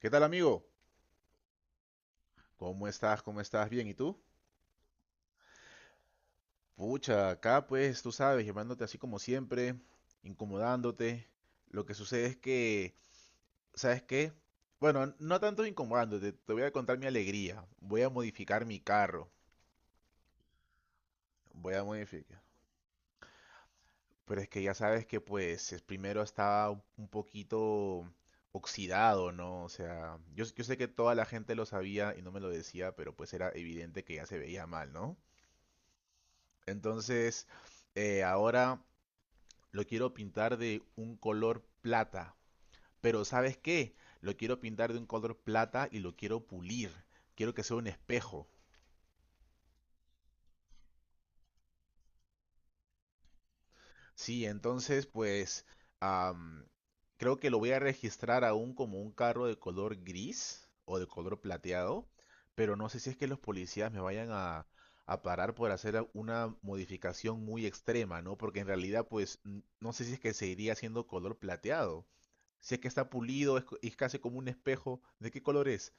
¿Qué tal, amigo? ¿Cómo estás? ¿Cómo estás? Bien, ¿y tú? Pucha, acá pues tú sabes, llamándote así como siempre, incomodándote. Lo que sucede es que, ¿sabes qué? Bueno, no tanto incomodándote, te voy a contar mi alegría. Voy a modificar mi carro. Voy a modificar. Pero es que ya sabes que pues primero estaba un poquito oxidado, ¿no? O sea, yo, yo sé que toda la gente lo sabía y no me lo decía, pero pues era evidente que ya se veía mal, ¿no? Entonces, ahora lo quiero pintar de un color plata. Pero ¿sabes qué? Lo quiero pintar de un color plata y lo quiero pulir. Quiero que sea un espejo. Sí, entonces pues am, creo que lo voy a registrar aún como un carro de color gris o de color plateado. Pero no sé si es que los policías me vayan a parar por hacer una modificación muy extrema, ¿no? Porque en realidad pues no sé si es que seguiría siendo color plateado. Si es que está pulido, es, es casi como un espejo. ¿De qué color es?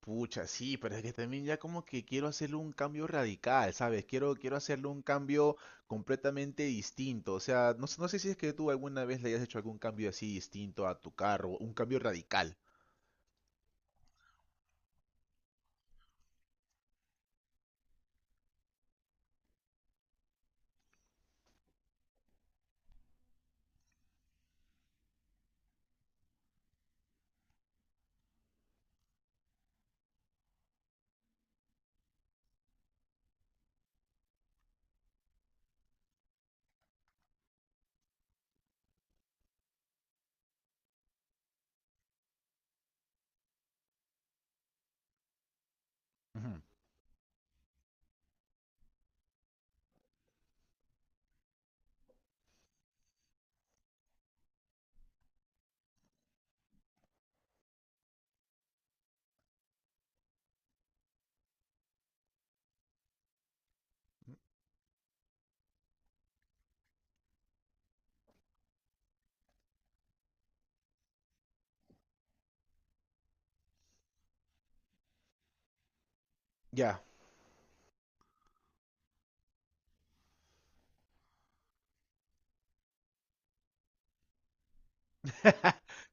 Pucha, sí, pero es que también ya como que quiero hacerle un cambio radical, ¿sabes? Quiero, quiero hacerle un cambio completamente distinto. O sea, no, no sé si es que tú alguna vez le hayas hecho algún cambio así distinto a tu carro, un cambio radical. Ujú. Ya.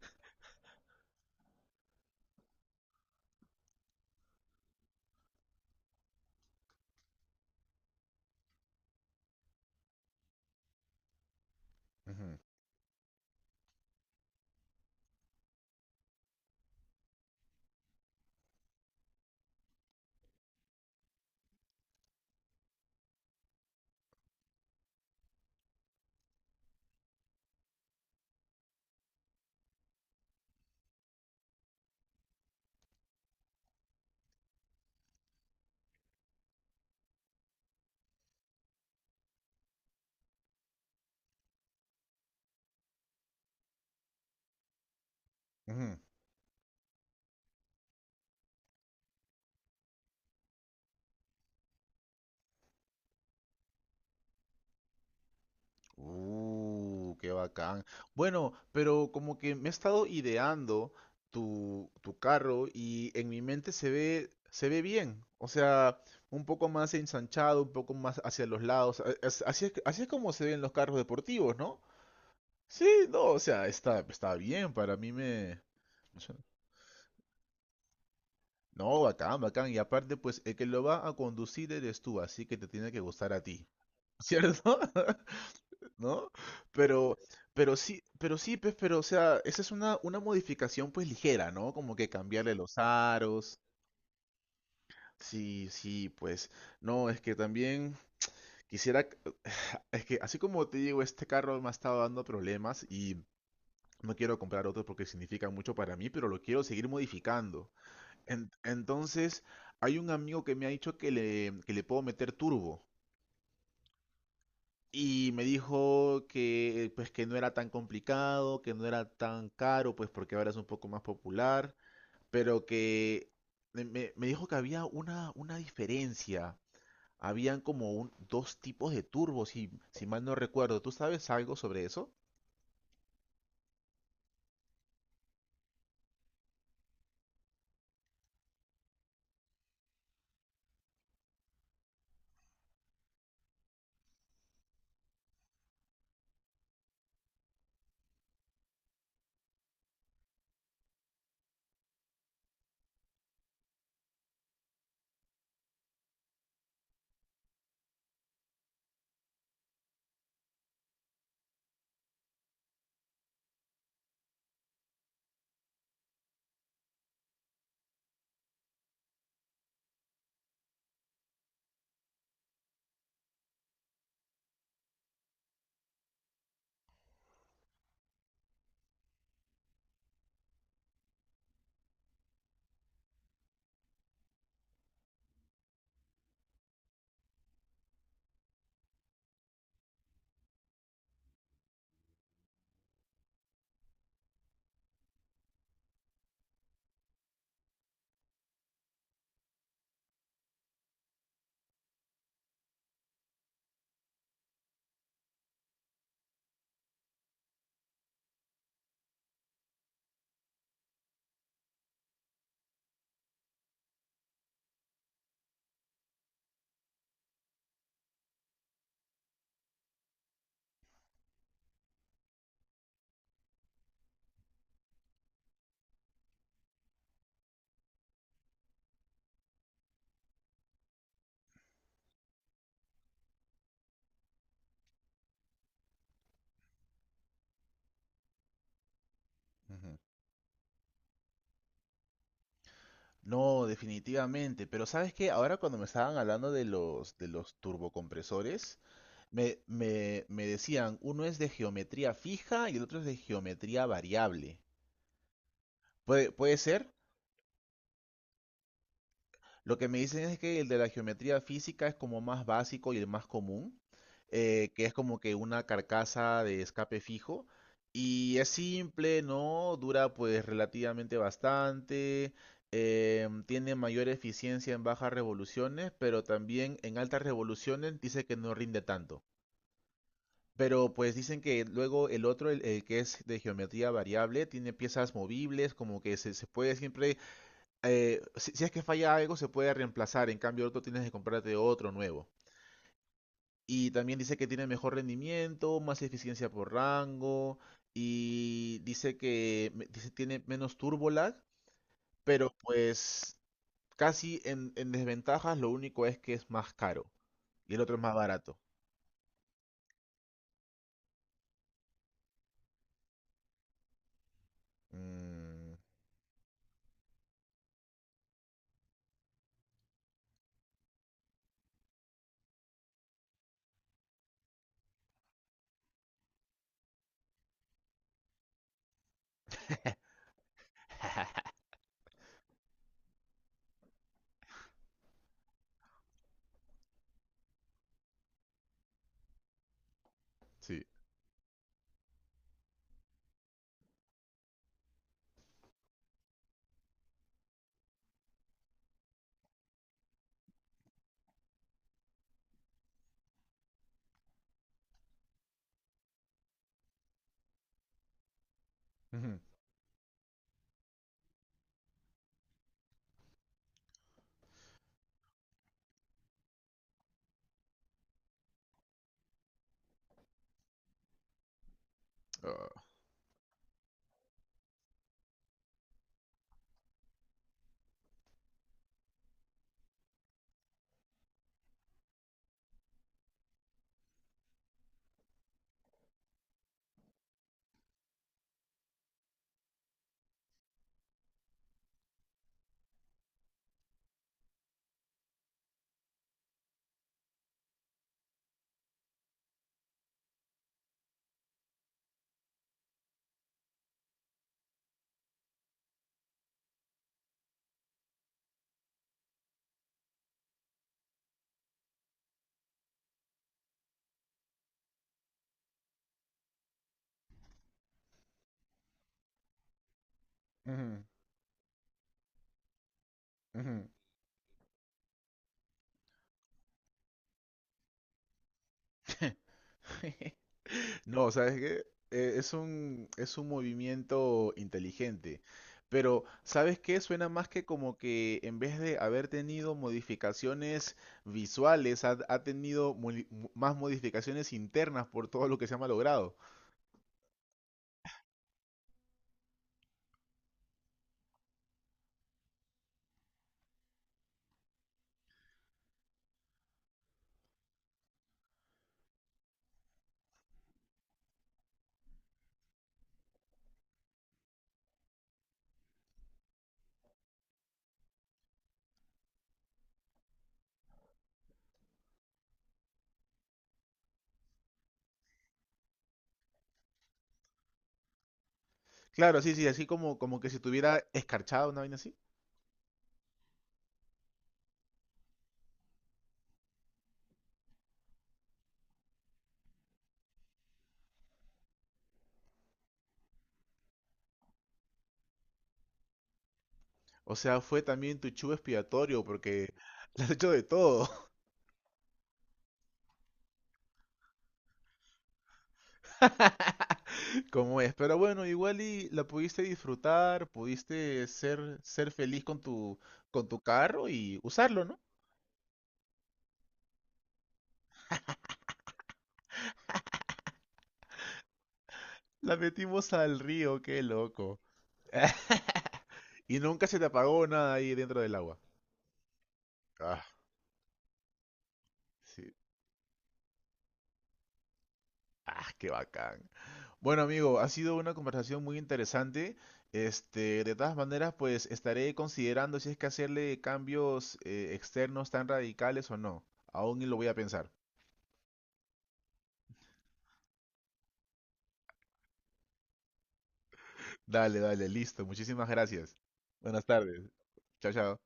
Ujú, ujú. Qué bacán. Bueno, pero como que me he estado ideando tu carro y en mi mente se ve bien. O sea, un poco más ensanchado, un poco más hacia los lados. Así es, así es como se ven los carros deportivos, ¿no? Sí, no, o sea, está, está bien, para mí me... me suena- No, bacán, bacán. Y aparte, pues el que lo va a conducir eres tú, así que te tiene que gustar a ti, ¿cierto? ¿no? Pero, pero sí, pues, pero, o sea, esa es una modificación, pues, ligera, ¿no? Como que cambiarle los aros. Sí, sí, pues, no, es que también quisiera, es que así como te digo, este carro me ha estado dando problemas y no quiero comprar otro porque significa mucho para mí, pero lo quiero seguir modificando. Entonces, hay un amigo que me ha dicho que le puedo meter turbo. Y me dijo que pues que no era tan complicado, que no era tan caro, pues porque ahora es un poco más popular, pero que me, me dijo que había una diferencia. Habían como dos tipos de turbos, si, si mal no recuerdo. ¿Tú sabes algo sobre eso? Ujú. No, definitivamente. Pero sabes que ahora cuando me estaban hablando de los turbocompresores, me decían, uno es de geometría fija y el otro es de geometría variable. Puede, puede ser. Lo que me dicen es que el de la geometría física es como más básico y el más común, que es como que una carcasa de escape fijo. Y es simple, ¿no? Dura pues relativamente bastante. Tiene mayor eficiencia en bajas revoluciones, pero también en altas revoluciones dice que no rinde tanto. Pero pues dicen que luego el otro, el que es de geometría variable, tiene piezas movibles, como que se puede siempre si, si es que falla algo, se puede reemplazar. En cambio, el otro tienes que comprarte otro nuevo. Y también dice que tiene mejor rendimiento, más eficiencia por rango. Y dice que dice tiene menos turbo lag. Pero pues casi en desventajas, lo único es que es más caro. Y el otro es más barato. Mm, sí. Ujú. Ah, ujú, ujú. No, ¿sabes qué? Es un movimiento inteligente. Pero, ¿sabes qué? Suena más que como que en vez de haber tenido modificaciones visuales, ha, más modificaciones internas por todo lo que se ha malogrado. Claro, sí, sí, así como, como que si tuviera escarchado una vaina así. O sea, fue también tu chivo expiatorio porque le has hecho de todo. Como es, pero bueno, igual y la pudiste disfrutar, pudiste ser, ser feliz con tu carro y usarlo, ¿no? La metimos al río, qué loco. Y nunca se te apagó nada ahí dentro del agua. Ah, sí. Ah, qué bacán. Bueno, amigo, ha sido una conversación muy interesante. Este, de todas maneras, pues estaré considerando si es que hacerle cambios externos tan radicales o no. Aún lo voy a pensar. Dale, dale, listo. Muchísimas gracias. Buenas tardes. Chao, chao.